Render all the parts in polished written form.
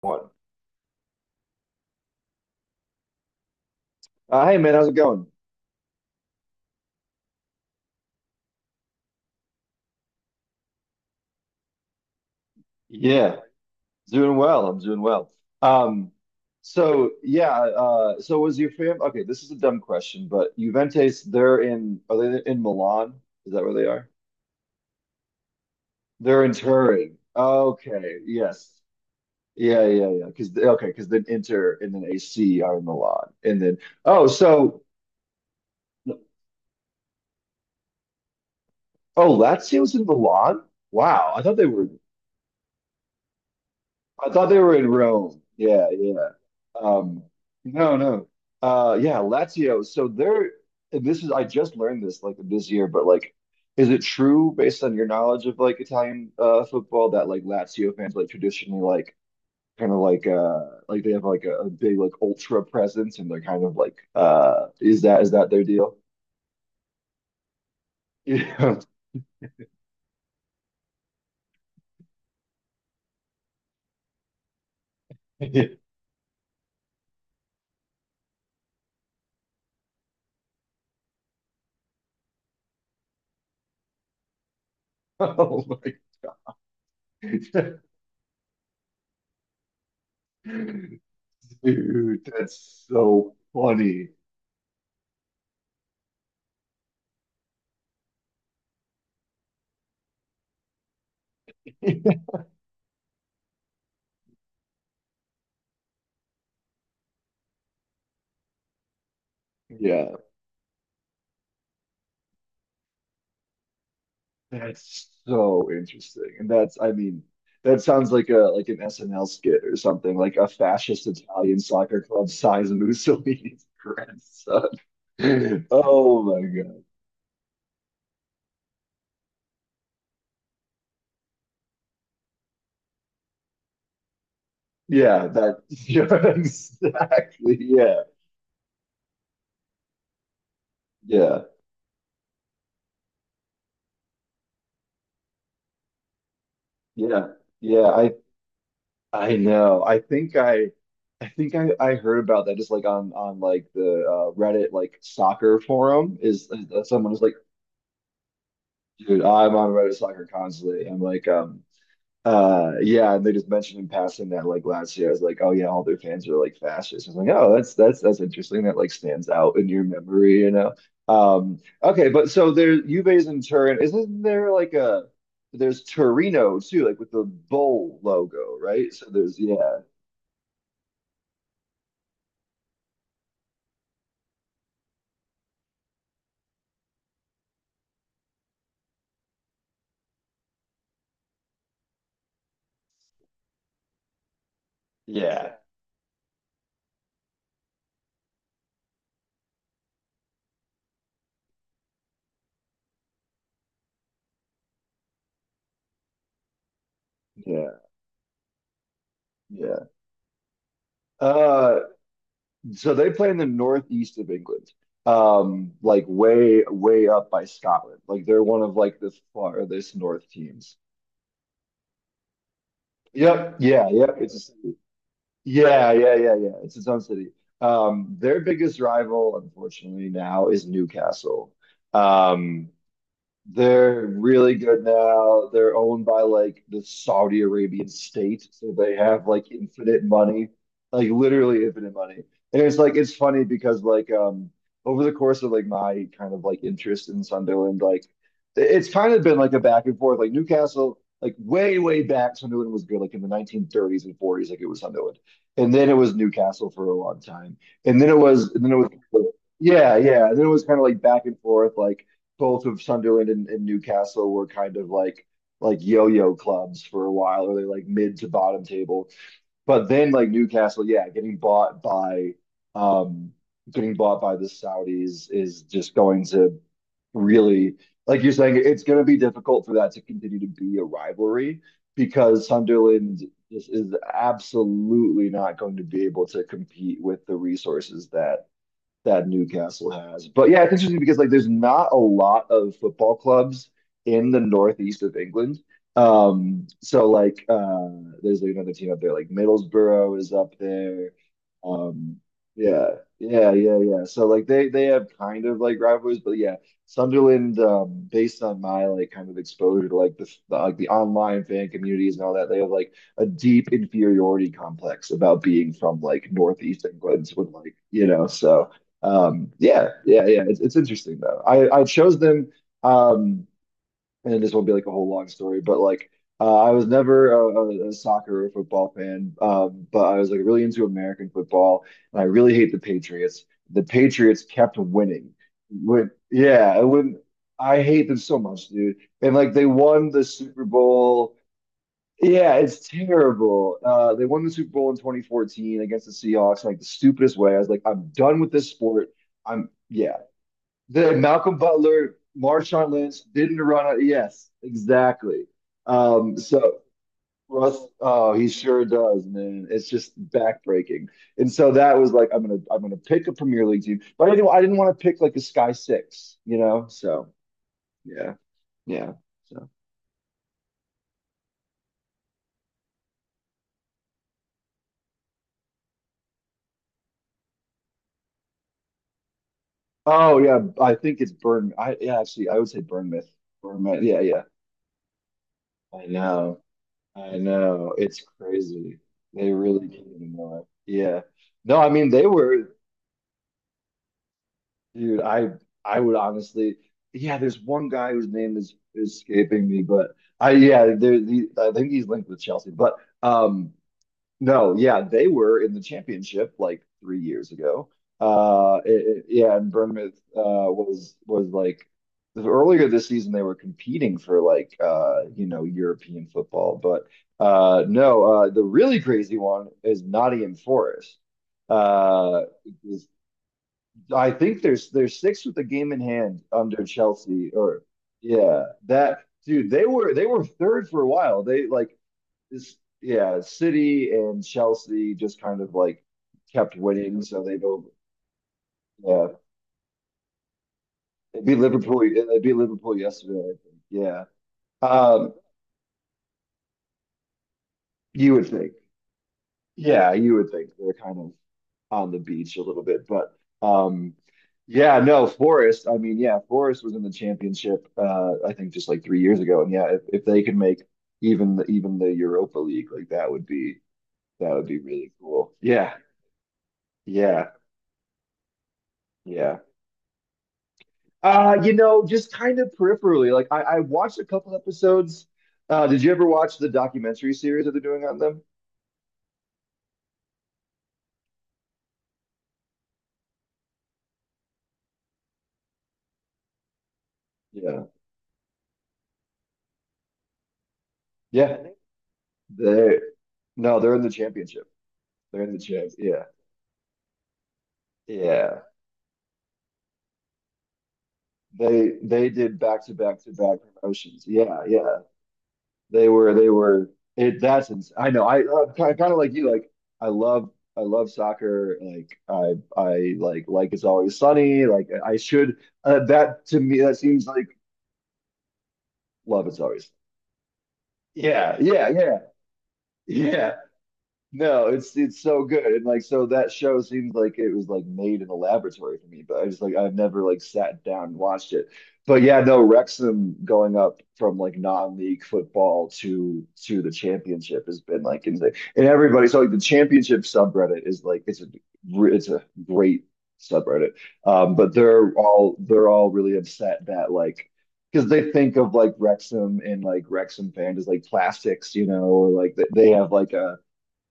One. Hey man, how's it going? Yeah, doing well. I'm doing well. Um, so was your fam? Okay, this is a dumb question, but Juventus, they're in, are they in Milan? Is that where they are? They're in Turin. Okay, yes. Yeah, yeah, yeah. Because okay, because then Inter and then AC are in Milan, and then oh, so oh, Lazio's in Milan. Wow, I thought they were. I thought they were in Rome. Yeah, yeah. Um, no, no. Yeah, Lazio. So they're, and this is, I just learned this like this year, but like, is it true based on your knowledge of like Italian football that like Lazio fans like traditionally like kind of like they have like a big like ultra presence and they're kind of like is that their deal? Yeah. Oh my. Dude, that's so funny. Yeah. That's so interesting. And that's, I mean, that sounds like a like an SNL skit or something, like a fascist Italian soccer club size Mussolini's grandson. Oh my God. Yeah, that, yeah, exactly. Yeah. Yeah. Yeah. Yeah. I know. I think I heard about that just like on like the Reddit like soccer forum is someone was like, dude, I'm on Reddit soccer constantly. I'm like, yeah, and they just mentioned in passing that like last year, I was like, oh yeah, all their fans are like fascists. I was like, oh, that's that's interesting. That like stands out in your memory, you know. Okay, but so there, Juve's in Turin. Isn't there like a there's Torino too, like with the bull logo, right? So there's yeah, yeah, yeah, yeah. Uh, so they play in the northeast of England, like way up by Scotland. Like they're one of like the farthest north teams. Yep. Yeah. Yep. It's a city. Yeah. Yeah. Yeah. Yeah. It's its own city. Their biggest rival, unfortunately, now is Newcastle. Um, they're really good now. They're owned by like the Saudi Arabian state, so they have like infinite money, like literally infinite money. And it's like it's funny because like over the course of like my kind of like interest in Sunderland, like it's kind of been like a back and forth. Like Newcastle, like way back, Sunderland was good, like in the 1930s and 40s, like it was Sunderland, and then it was Newcastle for a long time, and then it was yeah, yeah, and then it was kind of like back and forth, like both of Sunderland and Newcastle were kind of like yo-yo clubs for a while, or they like mid to bottom table. But then like Newcastle, yeah, um getting bought by the Saudis is just going to really like you're saying it's going to be difficult for that to continue to be a rivalry because Sunderland just is absolutely not going to be able to compete with the resources that Newcastle has. But yeah, it's interesting because like there's not a lot of football clubs in the northeast of England. So there's like another team up there, like Middlesbrough is up there. Um yeah, yeah, yeah, yeah. So like they have kind of like rivalries, but yeah, Sunderland, based on my like kind of exposure to like the like the online fan communities and all that, they have like a deep inferiority complex about being from like northeast England with like, you know, so yeah, yeah, yeah. It's interesting though. I chose them, um, and this won't be like a whole long story, but like I was never a soccer or football fan, but I was like really into American football, and I really hate the Patriots. The Patriots kept winning. When yeah, when I hate them so much, dude. And like they won the Super Bowl, yeah, it's terrible. They won the Super Bowl in 2014 against the Seahawks in like the stupidest way. I was like, I'm done with this sport. I'm yeah. The Malcolm Butler, Marshawn Lynch didn't run out. Yes, exactly. So Russ, oh, he sure does, man. It's just backbreaking. And so that was like, I'm gonna pick a Premier League team, but I didn't want to pick like a Sky Six, you know. So yeah, yeah. So. Oh yeah, I think it's Burn. I yeah, actually, I would say Burn Myth. Burn Myth. Yeah, yeah. I know. I know. It's crazy. They really didn't even know it. Yeah. No, I mean they were, dude. I would honestly. Yeah, there's one guy whose name is escaping me, but I yeah, there. The, I think he's linked with Chelsea, but um, no, yeah, they were in the championship like 3 years ago. Uh, it, yeah, and Bournemouth was like earlier this season they were competing for like you know European football, but no, the really crazy one is Nottingham Forest. Uh, is- I think there's six with a game in hand under Chelsea, or yeah, that dude they were third for a while. They like yeah, City and Chelsea just kind of like kept winning, so they both yeah they beat Liverpool. They beat Liverpool yesterday, I think. Yeah, um, you would think. Yeah, you would think they're kind of on the beach a little bit, but um, yeah, no, Forest. I mean, yeah, Forest was in the championship. I think just like 3 years ago, and yeah, if they could make even the Europa League, like that would be really cool. Yeah, yeah, yeah. You know, just kind of peripherally. Like I watched a couple episodes. Did you ever watch the documentary series that they're doing on them? Yeah. Yeah. They No, they're in the championship. They're in the champ. Yeah. Yeah. They did back to back to back promotions. Yeah, yeah. They were it that's ins I know. I kind of like you like I love I love soccer. Like I like it's always sunny. Like I should that to me that seems like love is always Sunny. Yeah, yeah, yeah, yeah. No, it's so good. And like so that show seems like it was like made in a laboratory for me, but I just like I've never like sat down and watched it. But yeah, no, Wrexham going up from like non-league football to the championship has been like insane. And everybody, so like the championship subreddit is like it's a great subreddit. But they're all really upset that like because they think of like Wrexham and like Wrexham fan as like plastics, you know, or like they have like a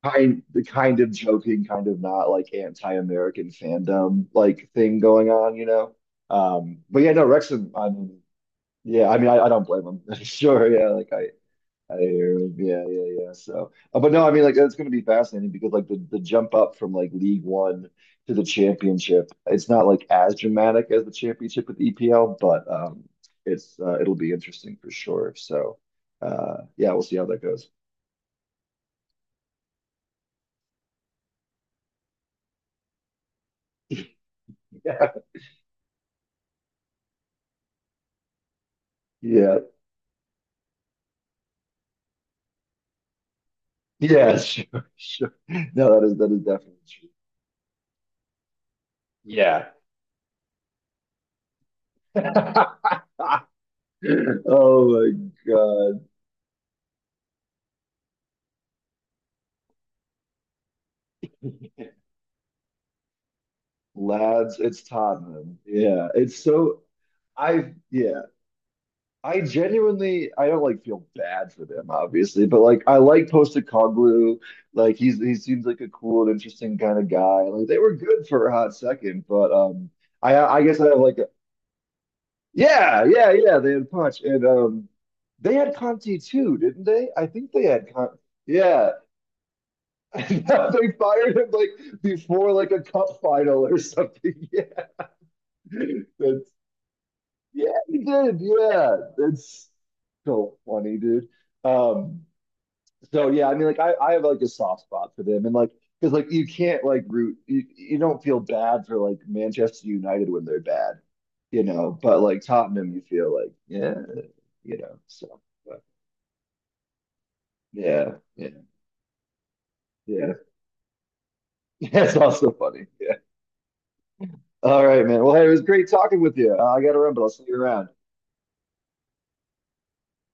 kind the kind of joking, kind of not like anti-American fandom like thing going on, you know. But yeah, no, Wrexham. I mean, yeah, I mean, I don't blame him. Sure, yeah, like I hear, him. Yeah, yeah, yeah. So, but no, I mean, like it's going to be fascinating because like the jump up from like League One to the Championship, it's not like as dramatic as the Championship with EPL, but it's it'll be interesting for sure. So, yeah, we'll see how that goes. Yeah, yeah. Yeah, sure, sure. No, that is definitely true. Yeah. Oh my God. Lads, it's Tottenham. Yeah. It's so I yeah. I genuinely I don't like feel bad for them, obviously, but like I like Postecoglou. Like he's he seems like a cool and interesting kind of guy. Like they were good for a hot second, but I guess I have like yeah, yeah, yeah. They had Punch, and they had Conti too, didn't they? I think they had Conti. Yeah. And they fired him like before like a cup final or something. Yeah, that's yeah, he did. Yeah, that's so funny, dude. Um, so yeah, I mean, like I have like a soft spot for them, and like because like you can't like root you, you don't feel bad for like Manchester United when they're bad, you know, but like Tottenham, you feel like yeah. You know. So, but yeah, yeah, yeah. Yeah, it's also funny. Yeah. All right, man. Well, hey, it was great talking with you. I got to run, but I'll see you around.